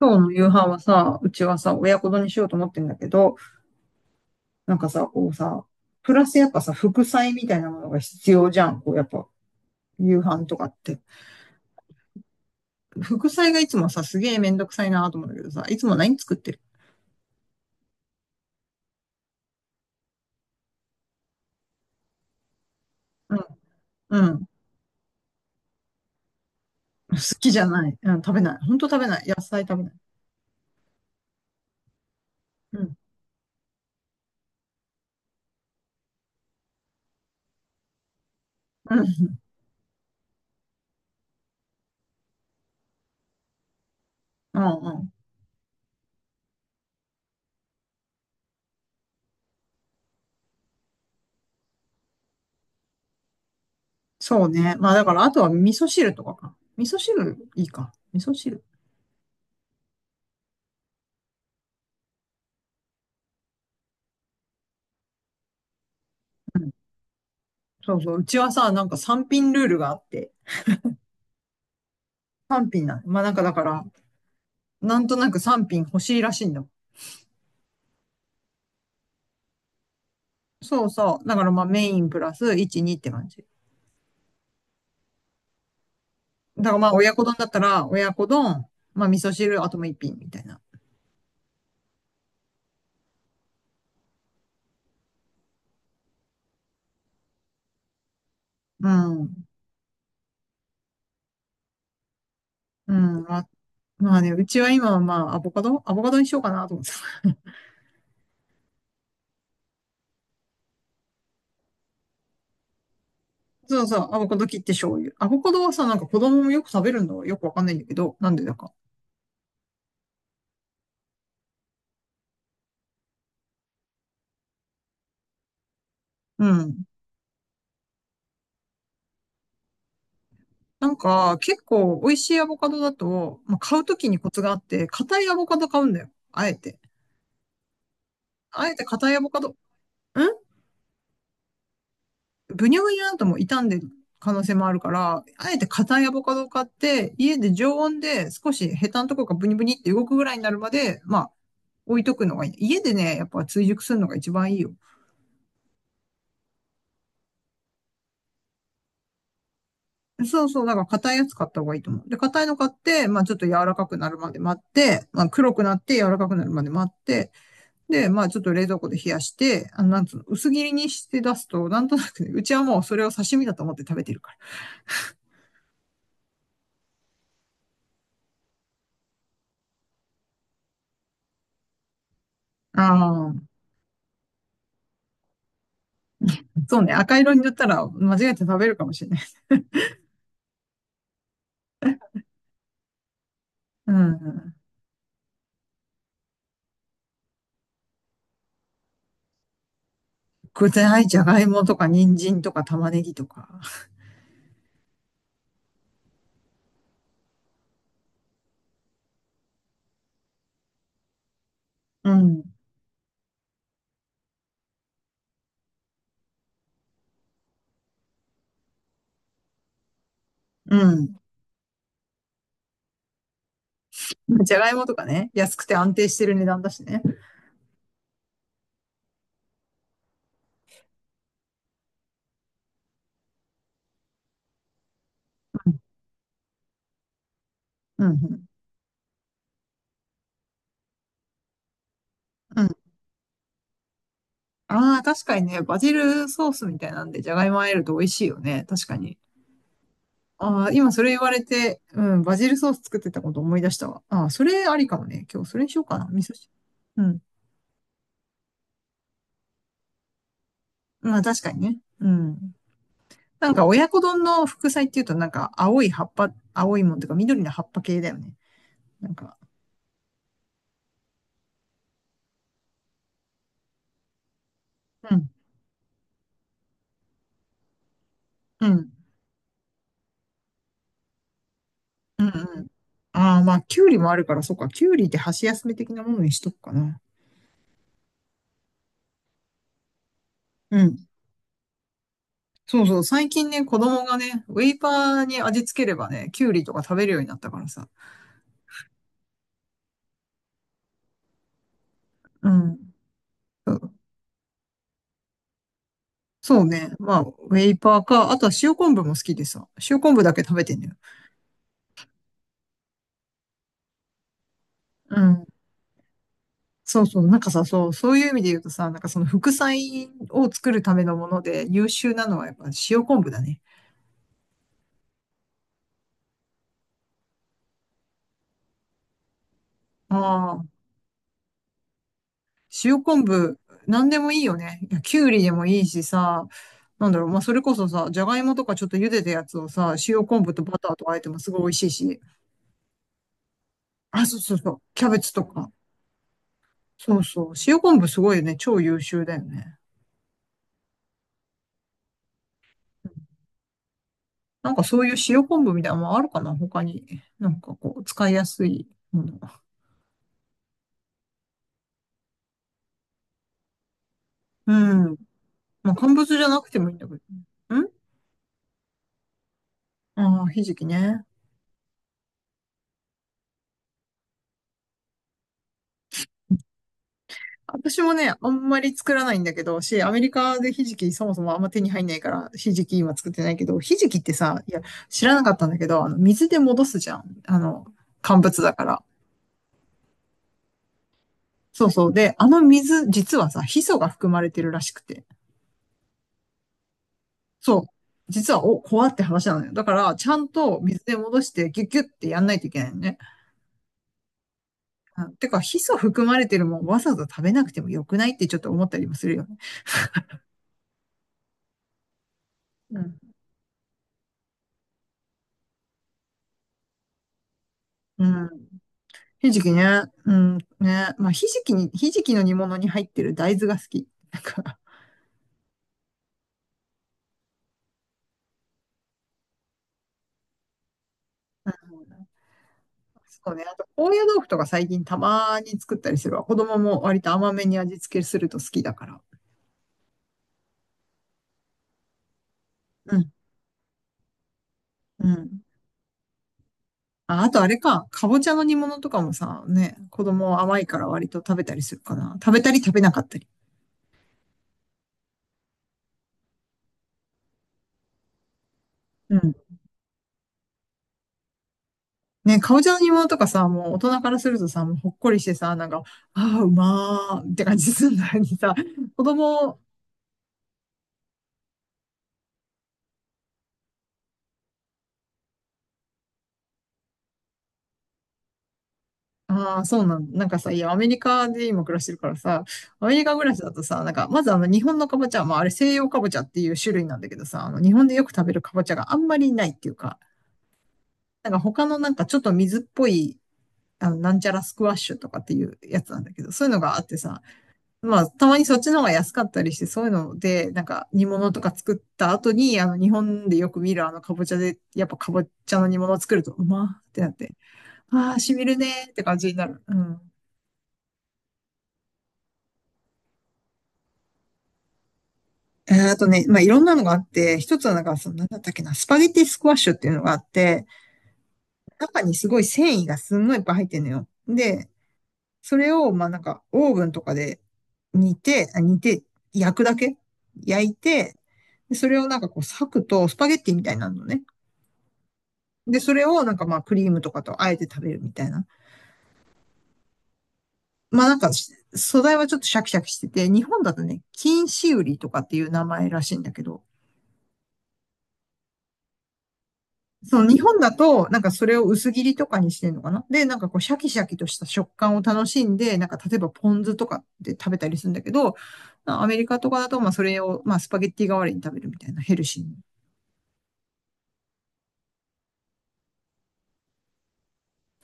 今日の夕飯はさ、うちはさ、親子丼にしようと思ってんだけど、なんかさ、こうさ、プラスやっぱさ、副菜みたいなものが必要じゃん。こうやっぱ、夕飯とかって。副菜がいつもさ、すげえめんどくさいなと思うんだけどさ、いつも何作ってる？うん、うん。好きじゃない。うん、食べない。ほんと食べない。野菜食べない。うん、うん、うん、うん。そうね。まあだから、あとは味噌汁とかか。味噌汁いいか。味噌汁。そうそう。うちはさ、なんか3品ルールがあって、3品なの。まあなんかだから、なんとなく3品欲しいらしいんだもん。そうそう。だからまあメインプラス1、2って感じ。だからまあ親子丼だったら、親子丼、まあ味噌汁、あともう1品みたいな。うん。うん。まあ、まあね、うちは今はまあアボカドアボカドにしようかなと思ってた。そうそう。アボカド切って醤油。アボカドはさ、なんか子供もよく食べるのはよくわかんないんだけど、なんでだか。うん。なんか結構美味しいアボカドだと、まあ、買うときにコツがあって、硬いアボカド買うんだよ。あえて。あえて硬いアボカド。ブニョブニョなんとも傷んでる可能性もあるから、あえて硬いアボカドを買って、家で常温で少しヘタのところがブニブニって動くぐらいになるまで、まあ、置いとくのがいい。家でね、やっぱ追熟するのが一番いいよ。そうそう、だから硬いやつ買った方がいいと思う。で、硬いの買って、まあちょっと柔らかくなるまで待って、まあ黒くなって柔らかくなるまで待って、で、まあちょっと冷蔵庫で冷やして、なんつうの、薄切りにして出すと、なんとなくね、うちはもうそれを刺身だと思って食べてるから。ああ、そうね、赤色に塗ったら間違えて食べるかもしれない。うん。具材、じゃがいもとか、人参とか、玉ねぎとか。うん。うん。じゃがいもとかね、安くて安定してる値段だしね。うん。うん。うん。ああ、確かにね、バジルソースみたいなんで、じゃがいも入えると美味しいよね。確かに。ああ、今それ言われて、うん、バジルソース作ってたこと思い出したわ。ああ、それありかもね。今日それにしようかな。味噌汁。うん。まあ確かにね。うん。なんか親子丼の副菜っていうと、なんか青い葉っぱ、青いもんとか緑の葉っぱ系だよね。なんか、うん。うんうん。ああ、まあ、キュウリもあるから、そっか。キュウリって箸休め的なものにしとくかな。うん。そうそう。最近ね、子供がね、ウェイパーに味付ければね、キュウリとか食べるようになったからさ。うん。そうそうね。まあ、ウェイパーか。あとは塩昆布も好きでさ。塩昆布だけ食べてんだよ。うん。そうそう。なんかさ、そう、そういう意味で言うとさ、なんかその副菜を作るためのもので優秀なのはやっぱ塩昆布だね。ああ。塩昆布、なんでもいいよね。いやきゅうりでもいいしさ、なんだろう、まあ、それこそさ、じゃがいもとかちょっと茹でたやつをさ、塩昆布とバターと和えてもすごい美味しいし。あ、そうそうそう。キャベツとか。そうそう。塩昆布すごいよね。超優秀だよね。なんかそういう塩昆布みたいなのもあるかな他に。なんかこう、使いやすいもの。うん。まあ、乾物じゃなくてもいいんだけど。ああー、ひじきね。私もね、あんまり作らないんだけど、アメリカでひじきそもそもあんま手に入んないから、ひじき今作ってないけど、ひじきってさ、いや、知らなかったんだけど、あの、水で戻すじゃん。あの、乾物だから。そうそう。で、あの水、実はさ、ヒ素が含まれてるらしくて。そう。実は、怖って話なのよ。だから、ちゃんと水で戻して、ギュッギュッってやんないといけないのね。うんてか、ヒ素含まれてるもん、わざわざ食べなくてもよくないってちょっと思ったりもするよね。うん。うん。ひじきね。うん、ね。まあ、ひじきの煮物に入ってる大豆が好き。なんか、うん、そうね。あと、高野豆腐とか最近たまに作ったりするわ。子供も割と甘めに味付けすると好きだから。うん、うん。あ、あとあれか、かぼちゃの煮物とかもさ、ね、子供甘いから割と食べたりするかな。食べたり食べなかったり。うん。ね、かぼちゃの煮物とかさ、もう大人からするとさ、もうほっこりしてさ、なんか、ああ、うまーって感じするのにさ、子供、ああ、そうなんだ。なんかさ、いや、アメリカで今暮らしてるからさ、アメリカ暮らしだとさ、なんか、まずあの、日本のカボチャ、まあ、あれ西洋カボチャっていう種類なんだけどさ、あの、日本でよく食べるカボチャがあんまりないっていうか、なんか他のなんかちょっと水っぽい、あの、なんちゃらスクワッシュとかっていうやつなんだけど、そういうのがあってさ、まあ、たまにそっちの方が安かったりして、そういうので、なんか煮物とか作った後に、あの、日本でよく見るあの、カボチャで、やっぱカボチャの煮物を作ると、うまーってなって、ああ、染みるねーって感じになる。うん。あとね、まあ、いろんなのがあって、一つはなんか、その、なんだったっけな、スパゲティスクワッシュっていうのがあって、中にすごい繊維がすんごいいっぱい入ってんのよ。で、それを、まあ、なんか、オーブンとかで煮て、あ煮て、焼くだけ焼いて、でそれをなんかこう、裂くと、スパゲッティみたいになるのね。で、それをなんかまあ、クリームとかとあえて食べるみたいな。まあ、なんか、素材はちょっとシャキシャキしてて、日本だとね、金糸売りとかっていう名前らしいんだけど、その日本だと、なんかそれを薄切りとかにしてんのかなで、なんかこうシャキシャキとした食感を楽しんで、なんか例えばポン酢とかで食べたりするんだけど、アメリカとかだと、まあそれを、まあスパゲッティ代わりに食べるみたいなヘルシーに。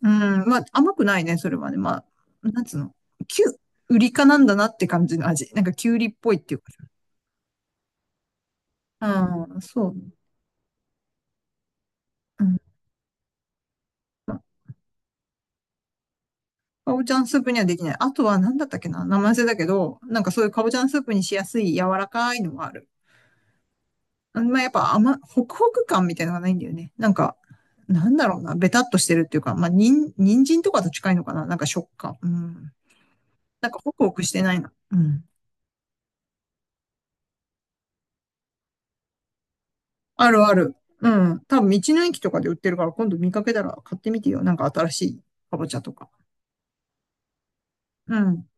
うん、まあ甘くないね、それはね。まあ、なんつうの、キュウリかなんだなって感じの味。なんかキュウリっぽいっていうかさ。うん、そう。うんかぼちゃのスープにはできない。あとは何だったっけな名前忘れだけど、なんかそういうかぼちゃのスープにしやすい柔らかいのがある。あんまあ、やっぱホクホク感みたいなのがないんだよね。なんか、なんだろうな、ベタっとしてるっていうか、まあ、人参とかと近いのかななんか食感。うん。なんかホクホクしてないな。うん。あるある。うん。多分道の駅とかで売ってるから、今度見かけたら買ってみてよ。なんか新しいかぼちゃとか。うん。